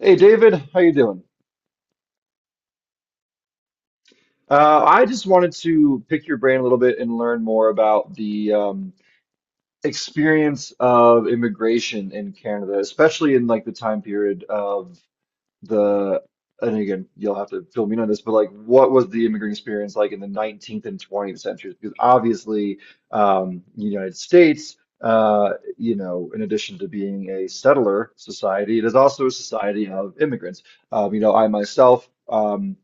Hey David, how you doing? I just wanted to pick your brain a little bit and learn more about the experience of immigration in Canada, especially in like the time period of the, and again, you'll have to fill me in on this, but like what was the immigrant experience like in the 19th and 20th centuries? Because obviously, the United States, you know, in addition to being a settler society, it is also a society of immigrants. You know, I myself.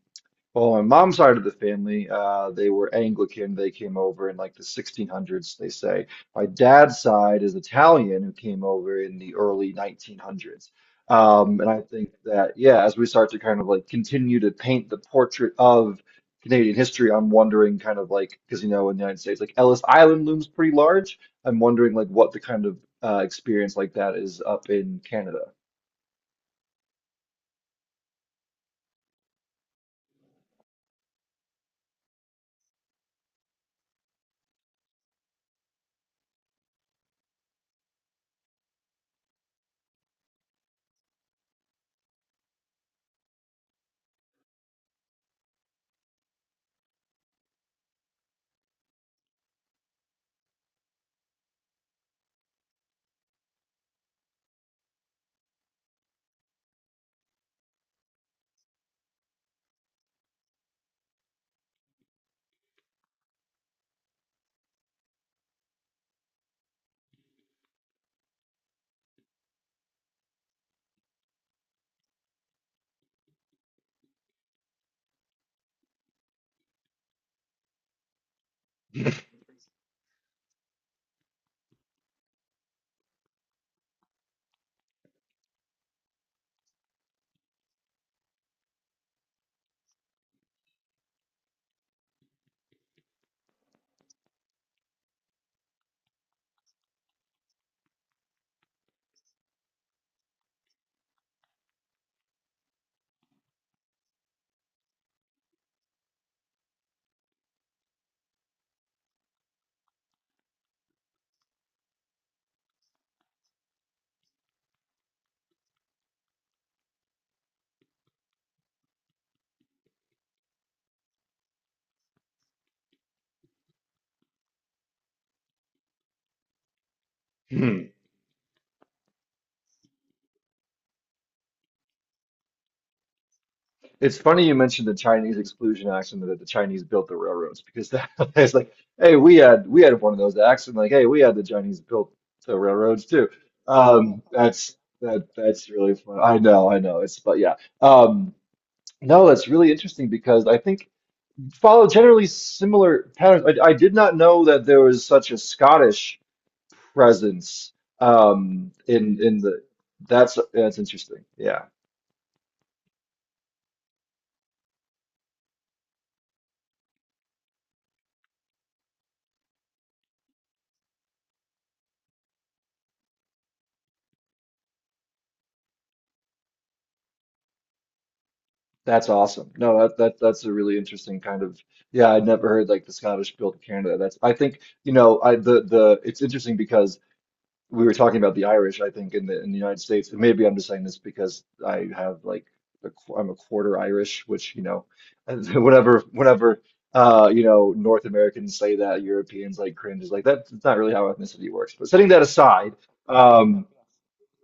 On mom's side of the family, they were Anglican. They came over in like the 1600s, they say. My dad's side is Italian, who came over in the early 1900s. And I think that, yeah, as we start to kind of like continue to paint the portrait of Canadian history, I'm wondering kind of like, because you know, in the United States, like Ellis Island looms pretty large. I'm wondering like what the kind of experience like that is up in Canada. It's funny you mentioned the Chinese exclusion axiom that the Chinese built the railroads because that it's like, hey, we had one of those acts, and like, hey, we had the Chinese built the railroads too. That's that's really fun. I know, I know. It's but yeah. Um, no, it's really interesting because I think follow generally similar patterns. I did not know that there was such a Scottish presence in the that's interesting. Yeah. That's awesome. No, that's a really interesting kind of yeah, I'd never heard like the Scottish built Canada. That's I think, you know, I the it's interesting because we were talking about the Irish, I think, in the United States. And maybe I'm just saying this because I have like a, I'm a quarter Irish, which, you know, whenever whenever you know, North Americans say that, Europeans like cringe is like that's not really how ethnicity works. But setting that aside, um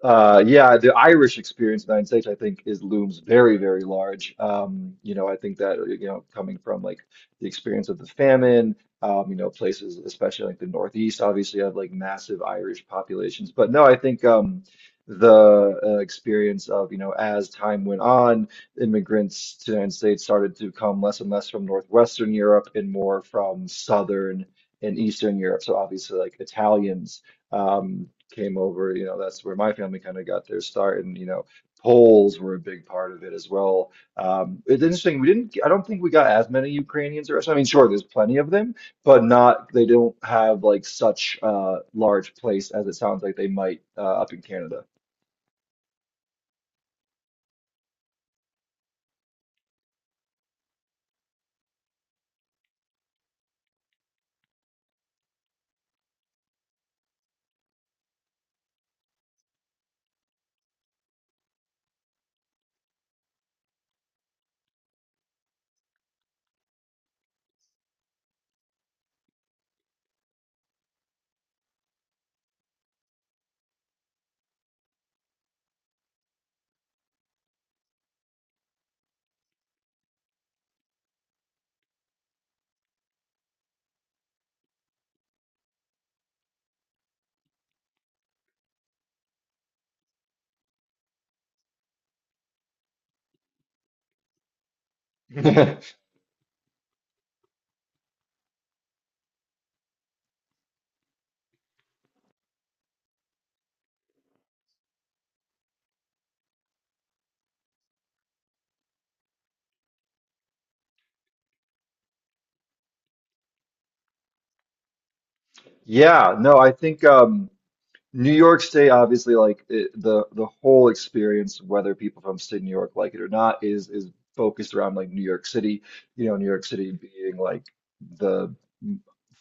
yeah, the Irish experience in the United States, I think, is looms very, very large. You know, I think that, you know, coming from like the experience of the famine, you know, places, especially like the Northeast, obviously have like massive Irish populations. But no, I think the experience of, you know, as time went on, immigrants to the United States started to come less and less from Northwestern Europe and more from Southern and Eastern Europe. So obviously like Italians um, came over. You know, that's where my family kind of got their start, and you know, Poles were a big part of it as well. It's interesting. We didn't. I don't think we got as many Ukrainians or Russians. I mean, sure, there's plenty of them, but not. They don't have like such a large place as it sounds like they might up in Canada. Yeah. No, I think. New York State, obviously, like it, the whole experience, whether people from state New York like it or not, is focused around like New York City. You know, New York City being like the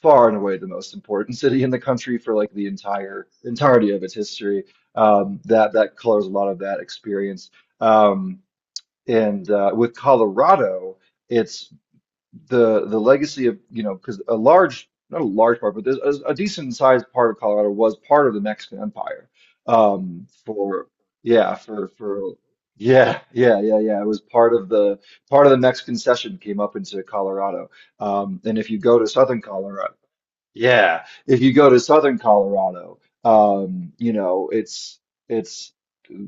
far and away the most important city in the country for like the entire entirety of its history. That that colors a lot of that experience. Um, and with Colorado, it's the legacy of you know because a large not a large part but there's a decent sized part of Colorado was part of the Mexican Empire for yeah for yeah it was part of the Mexican cession came up into Colorado and if you go to southern Colorado yeah, if you go to southern Colorado, you know, it's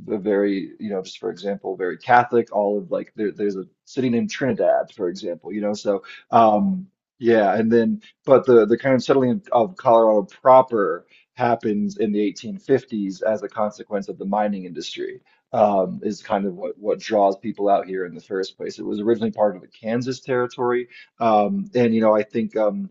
a very, you know, just for example, very Catholic. All of like there, there's a city named Trinidad, for example, you know. So, um, yeah, and then but the kind of settling of Colorado proper happens in the 1850s as a consequence of the mining industry. Is kind of what draws people out here in the first place. It was originally part of the Kansas territory, and you know, I think.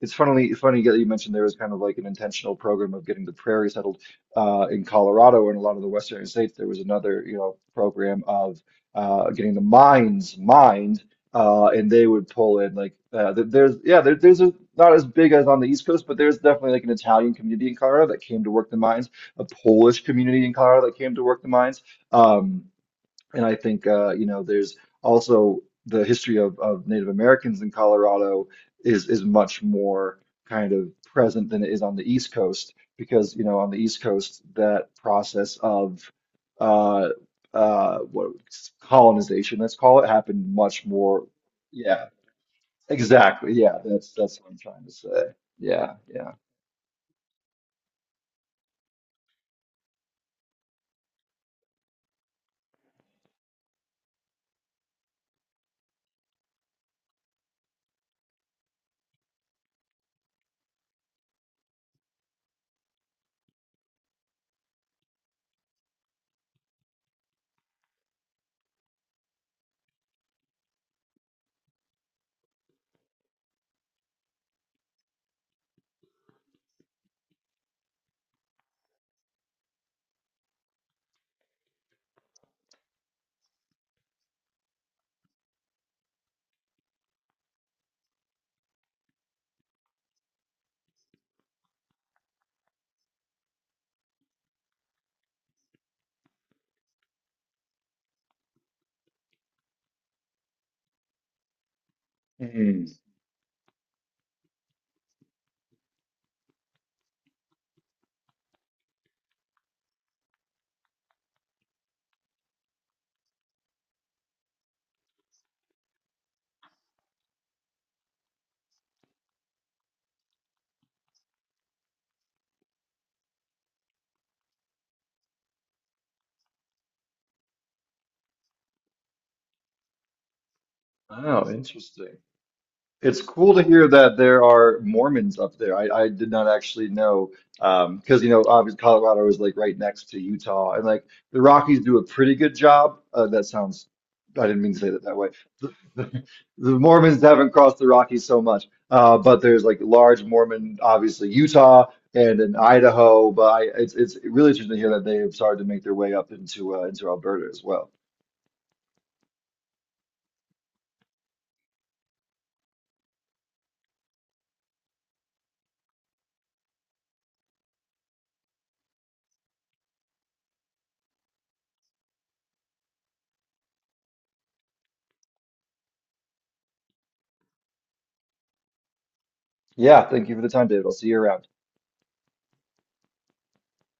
It's funnily funny that you mentioned there was kind of like an intentional program of getting the prairie settled in Colorado and a lot of the western states. There was another, you know, program of getting the mines mined, and they would pull in like there's yeah there, there's a, not as big as on the East Coast, but there's definitely like an Italian community in Colorado that came to work the mines, a Polish community in Colorado that came to work the mines. Um, and I think you know, there's also the history of Native Americans in Colorado is much more kind of present than it is on the East Coast because you know on the East Coast that process of uh, what colonization let's call it happened much more. Yeah, exactly. Yeah, that's what I'm trying to say. Yeah, yeah. Hmm. Wow, interesting. It's cool to hear that there are Mormons up there. I did not actually know because you know obviously Colorado is like right next to Utah and like the Rockies do a pretty good job. That sounds I didn't mean to say that that way. The, the, the Mormons haven't crossed the Rockies so much, but there's like large Mormon obviously Utah and in Idaho. But I, it's really interesting to hear that they have started to make their way up into Alberta as well. Yeah, thank you for the time, David. I'll see you around.